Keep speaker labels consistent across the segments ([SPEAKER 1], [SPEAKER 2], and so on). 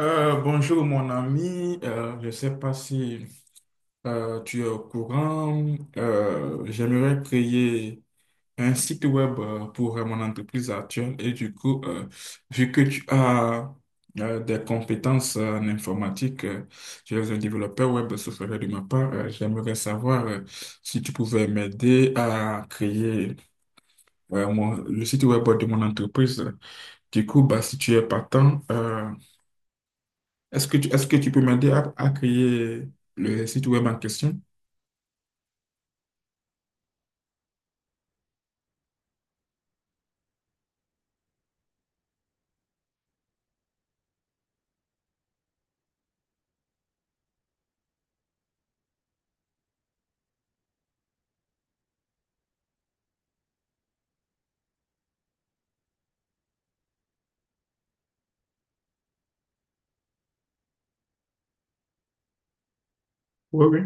[SPEAKER 1] Bonjour mon ami. Je ne sais pas si tu es au courant. J'aimerais créer un site web pour mon entreprise actuelle. Et du coup, vu que tu as des compétences en informatique, tu es un développeur web, ce serait de ma part, j'aimerais savoir si tu pouvais m'aider à créer le site web de mon entreprise. Du coup, bah, si tu es partant, est-ce que tu peux m'aider à créer le site web en question? Oui, oui.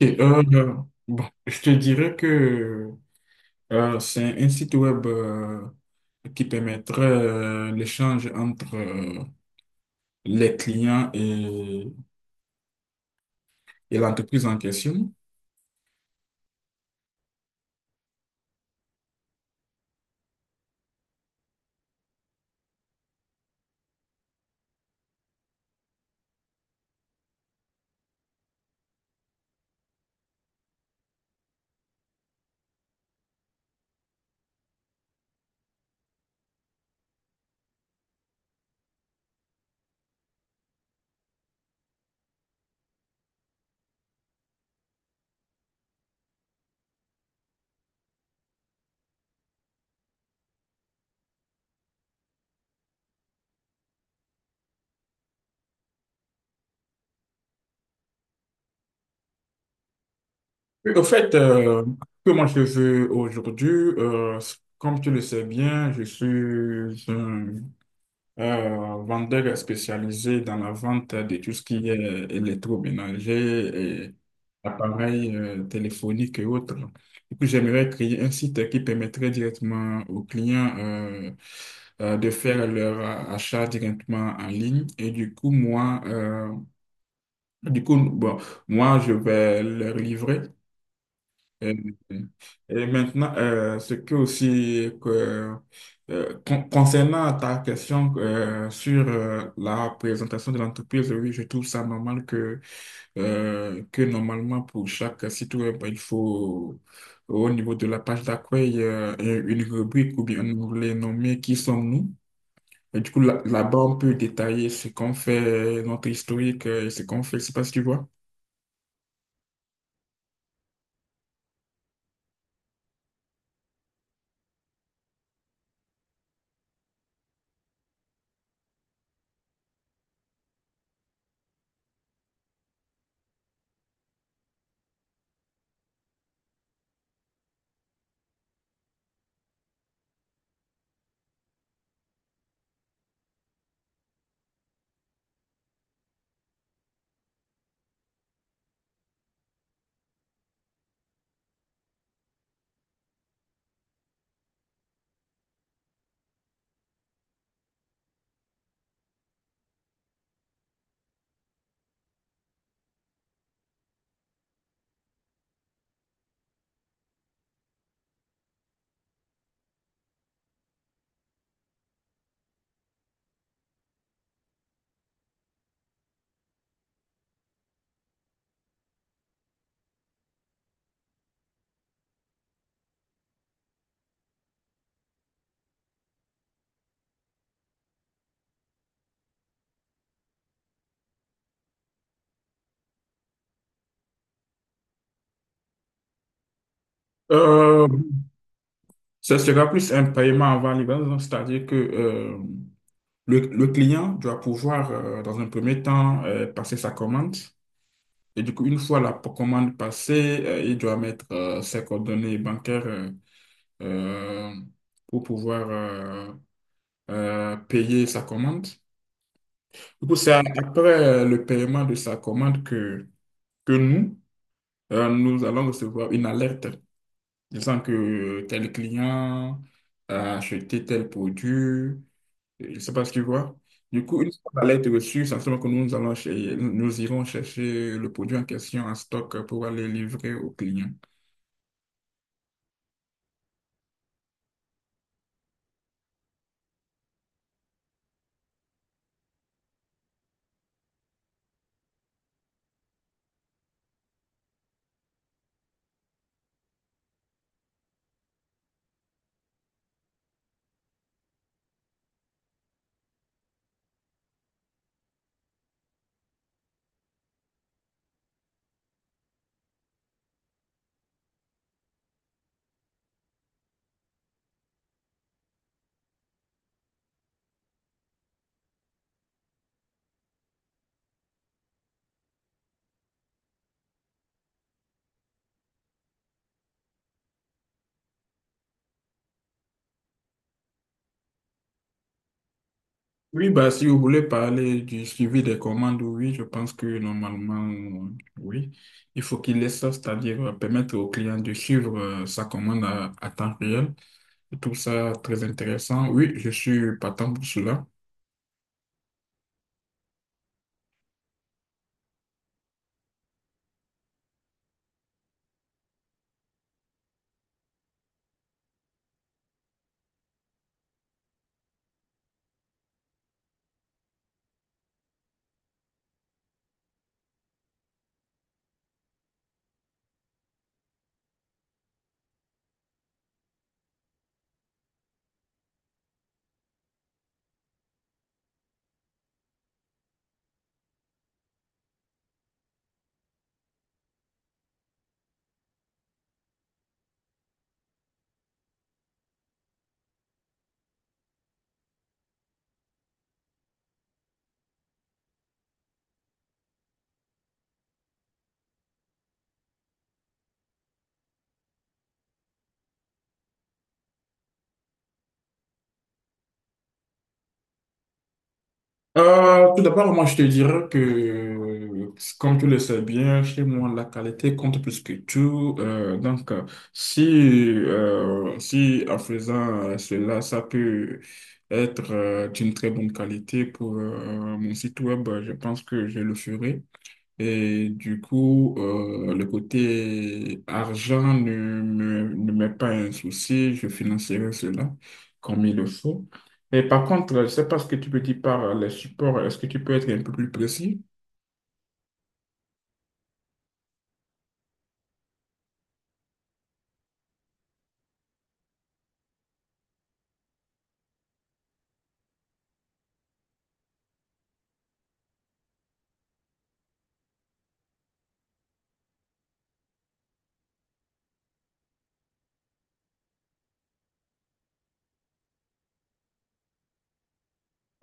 [SPEAKER 1] Et, bon, je te dirais que c'est un site web qui permettrait l'échange entre les clients et l'entreprise en question. Oui. Au fait, comment je veux aujourd'hui, comme tu le sais bien, je suis un vendeur spécialisé dans la vente de tout ce qui est électroménager et appareils téléphoniques et autres. Du coup, j'aimerais créer un site qui permettrait directement aux clients de faire leur achat directement en ligne. Et du coup, moi, bon, moi, je vais leur livrer. Et, et maintenant, ce que aussi que, concernant ta question sur la présentation de l'entreprise, oui, je trouve ça normal que normalement pour chaque site web, bah, il faut au niveau de la page d'accueil une rubrique ou bien un onglet nommé Qui sommes-nous? Et du coup, là-bas, on peut détailler ce qu'on fait, notre historique et ce qu'on fait. Je sais pas si tu vois. Euh, Ce sera plus un paiement avant livraison, c'est-à-dire que le client doit pouvoir, dans un premier temps, passer sa commande. Et du coup, une fois la commande passée, il doit mettre ses coordonnées bancaires euh, pour pouvoir payer sa commande. Du coup, c'est après le paiement de sa commande que nous, nous allons recevoir une alerte disant que tel client a acheté tel produit. Je ne sais pas si tu vois. Du coup, une fois la lettre reçue, ça se que nous nous irons chercher le produit en question en stock pour aller livrer au client. Oui, bah, si vous voulez parler du suivi des commandes, oui, je pense que normalement, oui, il faut qu'il laisse ça, c'est-à-dire permettre au client de suivre sa commande à temps réel. Je trouve ça très intéressant. Oui, je suis partant pour cela. Tout d'abord, moi, je te dirais que, comme tu le sais bien, chez moi, la qualité compte plus que tout. Donc, si en faisant cela, ça peut être d'une très bonne qualité pour mon site web, je pense que je le ferai. Et du coup, le côté argent ne m'est pas un souci, je financerai cela comme il le faut. Et par contre, je ne sais pas ce que tu peux dire par les supports, est-ce que tu peux être un peu plus précis?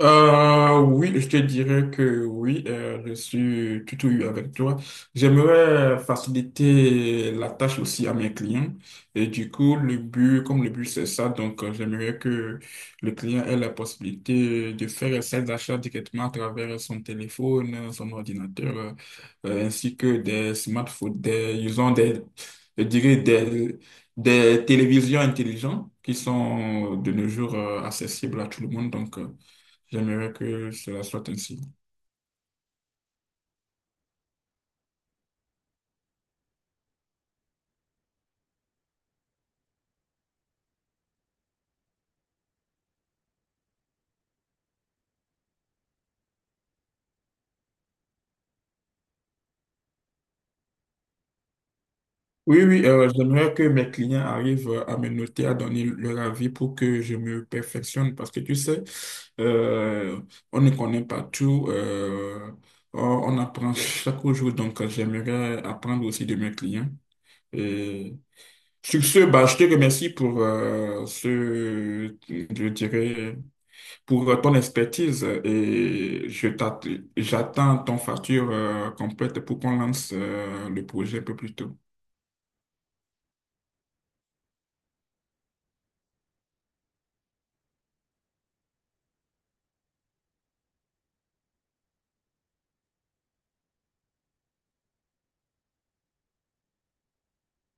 [SPEAKER 1] Oui, je te dirais que oui, je suis tout ouïe avec toi. J'aimerais faciliter la tâche aussi à mes clients. Et du coup, comme le but, c'est ça, donc j'aimerais que le client ait la possibilité de faire ses achats directement à travers son téléphone, son ordinateur, ainsi que des smartphones, ils ont je dirais des télévisions intelligentes qui sont de nos jours accessibles à tout le monde. Donc, j'aimerais que cela soit ainsi. Oui, oui, j'aimerais que mes clients arrivent à me noter, à donner leur avis pour que je me perfectionne parce que tu sais, euh, on ne connaît pas tout. On apprend chaque jour, donc j'aimerais apprendre aussi de mes clients. Et sur ce, bah, je te remercie pour je dirais, pour ton expertise et j'attends ton facture complète pour qu'on lance le projet un peu plus tôt.